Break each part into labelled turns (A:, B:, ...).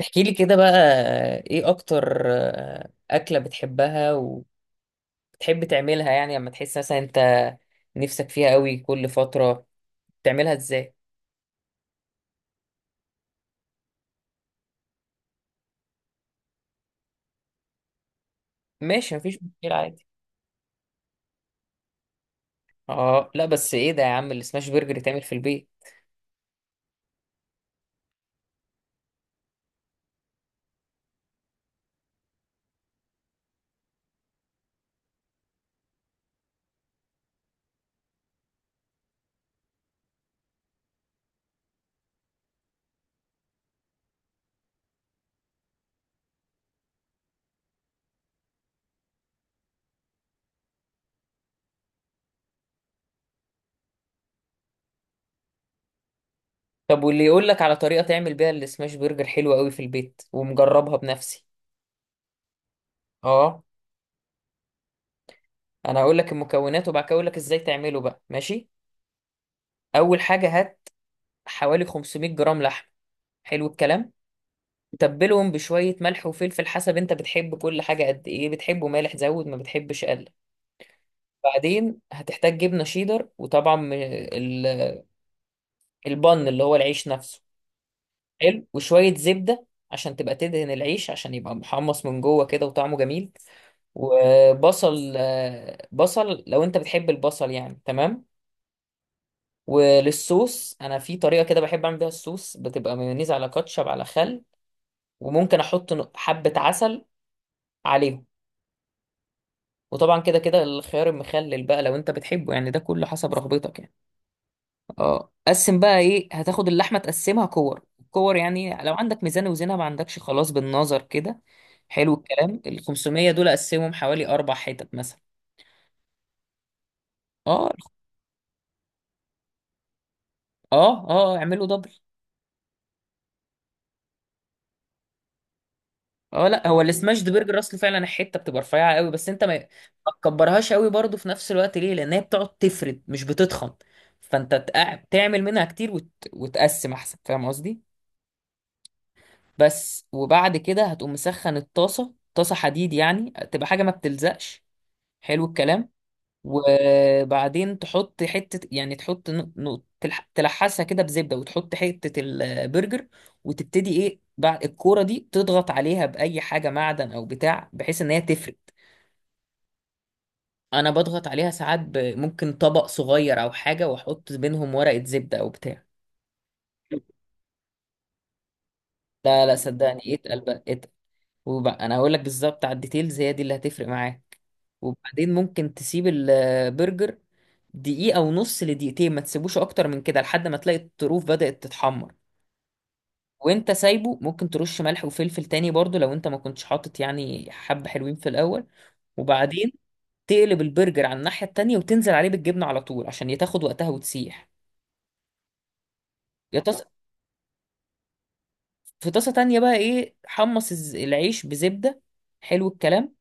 A: احكي لي كده بقى. ايه اكتر اكلة بتحبها وبتحب تعملها يعني لما تحس مثلا انت نفسك فيها قوي؟ كل فترة بتعملها ازاي؟ ماشي، مفيش مشكلة عادي. اه لا، بس ايه ده يا عم؟ السماش برجر يتعمل في البيت؟ طب واللي يقول لك على طريقة تعمل بيها السماش برجر حلوة قوي في البيت ومجربها بنفسي؟ اه، انا هقول لك المكونات وبعد كده اقول لك ازاي تعمله بقى، ماشي. اول حاجة، هات حوالي 500 جرام لحم. حلو الكلام. تبلهم بشوية ملح وفلفل، حسب انت بتحب كل حاجة قد ايه. بتحبه مالح زود، ما بتحبش قلل. بعدين هتحتاج جبنة شيدر، وطبعا البن اللي هو العيش نفسه. حلو. وشوية زبدة عشان تبقى تدهن العيش عشان يبقى محمص من جوه كده وطعمه جميل. وبصل، بصل لو انت بتحب البصل يعني، تمام. وللصوص، انا في طريقة كده بحب اعمل بيها الصوص، بتبقى مايونيز على كاتشب على خل. وممكن احط حبة عسل عليهم. وطبعا كده كده الخيار المخلل بقى لو انت بتحبه، يعني ده كله حسب رغبتك يعني. اه، قسم بقى. ايه، هتاخد اللحمه تقسمها كور. الكور يعني لو عندك ميزان وزنها، ما عندكش خلاص بالنظر كده. حلو الكلام. ال 500 دول قسمهم حوالي اربع حتت مثلا. اه، اه اعملوا دبل. اه لا، هو السماش دي برجر اصل، فعلا الحته بتبقى رفيعه قوي، بس انت ما تكبرهاش قوي برضه في نفس الوقت. ليه؟ لان هي بتقعد تفرد، مش بتتخن. فانت تعمل منها كتير وتقسم احسن، فاهم قصدي؟ بس. وبعد كده هتقوم مسخن الطاسة، طاسة حديد يعني، تبقى حاجة ما بتلزقش. حلو الكلام. وبعدين تحط حتة، يعني تحط تلحسها كده بزبدة، وتحط حتة البرجر. وتبتدي ايه؟ بعد الكورة دي تضغط عليها بأي حاجة معدن أو بتاع، بحيث إن هي تفرد. أنا بضغط عليها ساعات ممكن طبق صغير أو حاجة، وأحط بينهم ورقة زبدة أو بتاع. لا لا، صدقني، اتقل بقى، اتقل. وبقى انا هقول لك بالظبط على الديتيلز، هي دي اللي هتفرق معاك. وبعدين ممكن تسيب البرجر دقيقة ونص لدقيقتين، ما تسيبوش اكتر من كده، لحد ما تلاقي الطروف بدأت تتحمر. وانت سايبه ممكن ترش ملح وفلفل تاني برضو لو انت ما كنتش حاطط يعني حبة حلوين في الاول. وبعدين تقلب البرجر على الناحية التانية، وتنزل عليه بالجبنة على طول عشان تاخد وقتها وتسيح. يا طاسة، في طاسة تانية بقى ايه، حمص العيش بزبدة. حلو الكلام.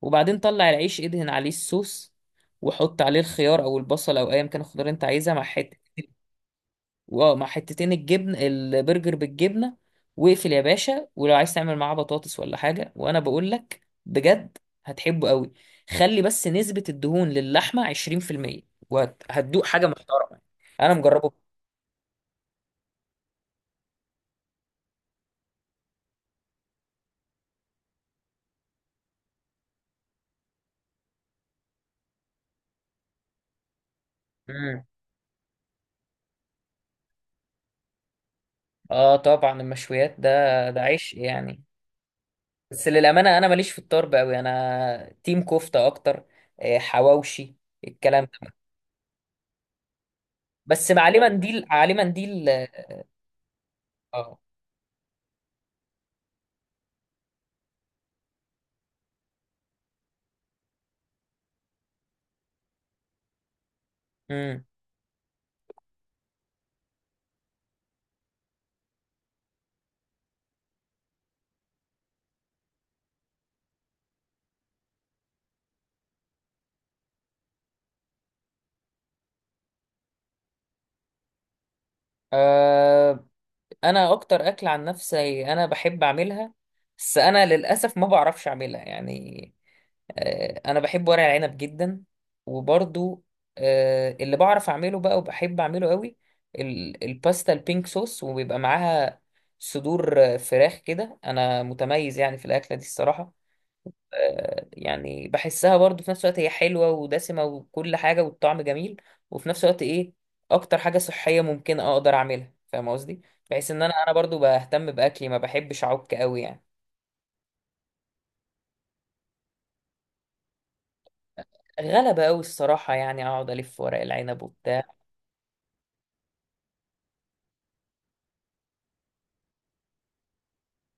A: وبعدين طلع العيش، ادهن عليه الصوص، وحط عليه الخيار او البصل او ايا كان الخضار اللي انت عايزها، مع حته، واه مع حتتين الجبن، البرجر بالجبنه. واقفل يا باشا. ولو عايز تعمل معاه بطاطس ولا حاجه، وانا بقول لك بجد هتحبه قوي. خلي بس نسبه الدهون للحمه 20%، وهتدوق حاجه محترمه. انا مجربه. امم. اه طبعا، المشويات ده ده عيش يعني. بس للامانه انا ماليش في الطرب قوي، انا تيم كفته اكتر. حواوشي الكلام ده. بس عليه منديل، عليه منديل. اه. امم. آه انا اكتر اكل عن نفسي انا بحب اعملها، بس انا للاسف ما بعرفش اعملها يعني، آه، انا بحب ورق العنب جدا. وبرضو اللي بعرف اعمله بقى وبحب اعمله قوي، الباستا البينك صوص. وبيبقى معاها صدور فراخ كده. انا متميز يعني في الاكله دي الصراحه. يعني بحسها برضو في نفس الوقت هي حلوة ودسمة وكل حاجة والطعم جميل، وفي نفس الوقت ايه، اكتر حاجة صحية ممكن اقدر اعملها، فاهم قصدي؟ بحيث ان انا برضو بهتم باكلي، ما بحبش اعك قوي يعني. غلبة قوي الصراحة يعني، اقعد الف ورق العنب وبتاع.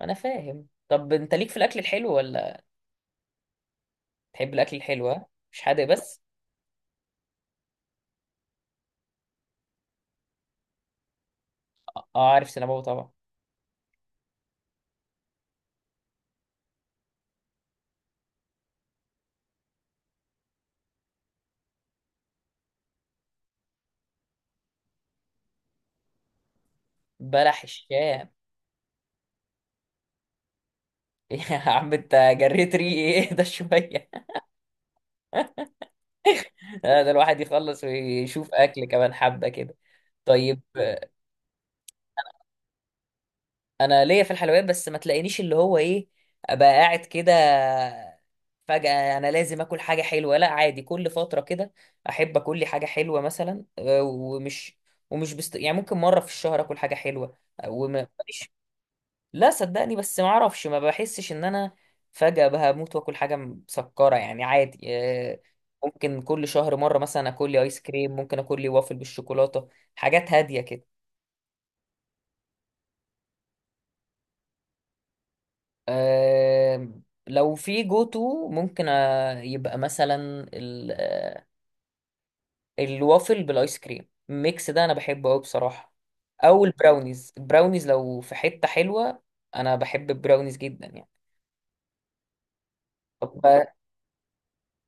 A: انا فاهم. طب انت ليك في الاكل الحلو ولا؟ تحب الاكل الحلو؟ ها، مش حادق بس؟ اه، عارف سينابو طبعا. بلح الشام. يا عم انت، جريت ريقي. ايه ده شوية؟ لا، ده الواحد يخلص ويشوف اكل كمان حبه كده. طيب. انا ليا في الحلويات، بس ما تلاقينيش اللي هو ايه، ابقى قاعد كده فجأة انا لازم اكل حاجه حلوه. لا، عادي كل فتره كده احب اكل لي حاجه حلوه، مثلا، ومش يعني ممكن مره في الشهر اكل حاجه حلوه. وماليش. لا، صدقني بس ما اعرفش، ما بحسش ان انا فجأة بموت واكل حاجة مسكرة يعني. عادي، ممكن كل شهر مرة مثلا اكل لي ايس كريم، ممكن اكل لي وافل بالشوكولاتة، حاجات هادية كده. آه، لو في جو تو، ممكن يبقى مثلا ال- آه، الوافل بالايس كريم، الميكس ده انا بحبه قوي بصراحة. او البراونيز، البراونيز لو في حتة حلوة انا بحب البراونيز جدا يعني. طب.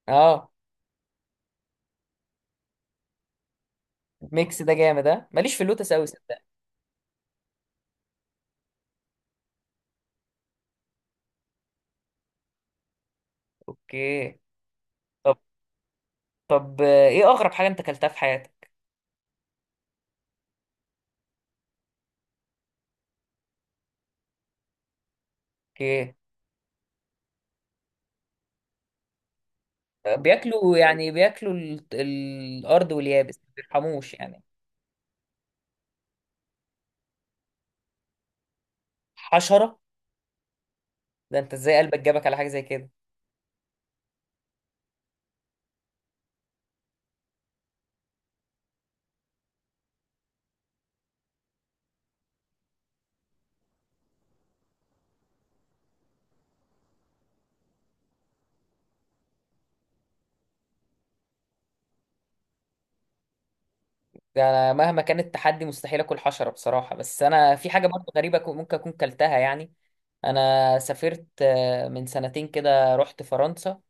A: اه، الميكس ده جامد. ها، ماليش في اللوتس قوي. اوكي. طب. طب ايه اغرب حاجه انت اكلتها في حياتك؟ اوكي. بياكلوا، يعني بياكلوا الارض واليابس، ما بيرحموش يعني. حشره؟ ده انت ازاي قلبك جابك على حاجه زي كده؟ ده أنا مهما كان التحدي مستحيل اكل حشره بصراحه. بس انا في حاجه برضه غريبه ممكن اكون كلتها يعني. انا سافرت من سنتين كده رحت فرنسا،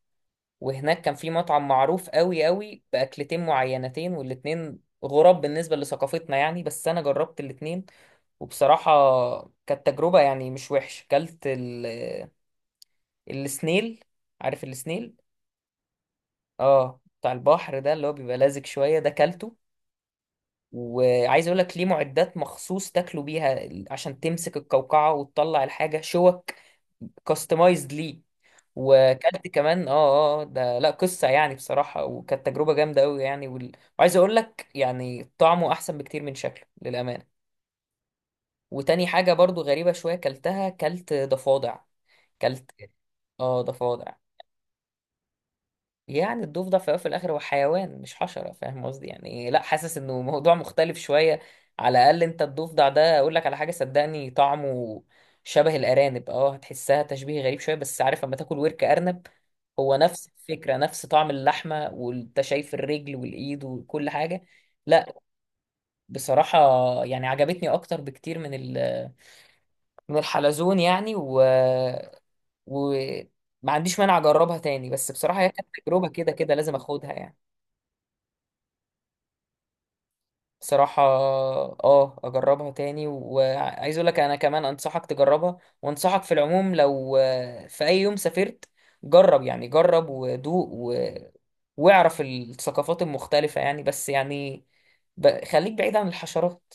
A: وهناك كان في مطعم معروف قوي قوي باكلتين معينتين، والاتنين غراب بالنسبه لثقافتنا يعني. بس انا جربت الاتنين، وبصراحة كانت تجربة يعني مش وحشة. كلت السنيل. عارف السنيل؟ اه بتاع البحر. ده اللي هو بيبقى لازق شوية، ده كلته. وعايز اقول لك، ليه معدات مخصوص تاكلوا بيها عشان تمسك القوقعة وتطلع الحاجة، شوك كاستمايزد ليه. وكلت كمان اه. اه ده لا قصة يعني بصراحة، وكانت تجربة جامدة قوي يعني وعايز اقول لك يعني، طعمه احسن بكتير من شكله للأمانة. وتاني حاجة برضو غريبة شوية كلتها، كلت ضفادع. كلت اه، ضفادع. يعني الضفدع في الأول وفي الاخر هو حيوان مش حشره، فاهم قصدي؟ يعني لا، حاسس انه موضوع مختلف شويه. على الاقل انت الضفدع ده اقول لك على حاجه، صدقني طعمه شبه الارانب. اه هتحسها تشبيه غريب شويه، بس عارف لما تاكل ورك ارنب؟ هو نفس الفكره، نفس طعم اللحمه، وانت شايف الرجل والايد وكل حاجه. لا بصراحه يعني عجبتني اكتر بكتير من ال، من الحلزون يعني، وما عنديش مانع اجربها تاني. بس بصراحة هي كانت تجربة كده كده لازم اخدها يعني. بصراحة اه، اجربها تاني. وعايز اقول لك انا كمان انصحك تجربها، وانصحك في العموم لو في اي يوم سافرت جرب، يعني جرب ودوق واعرف الثقافات المختلفة يعني. بس يعني خليك بعيد عن الحشرات.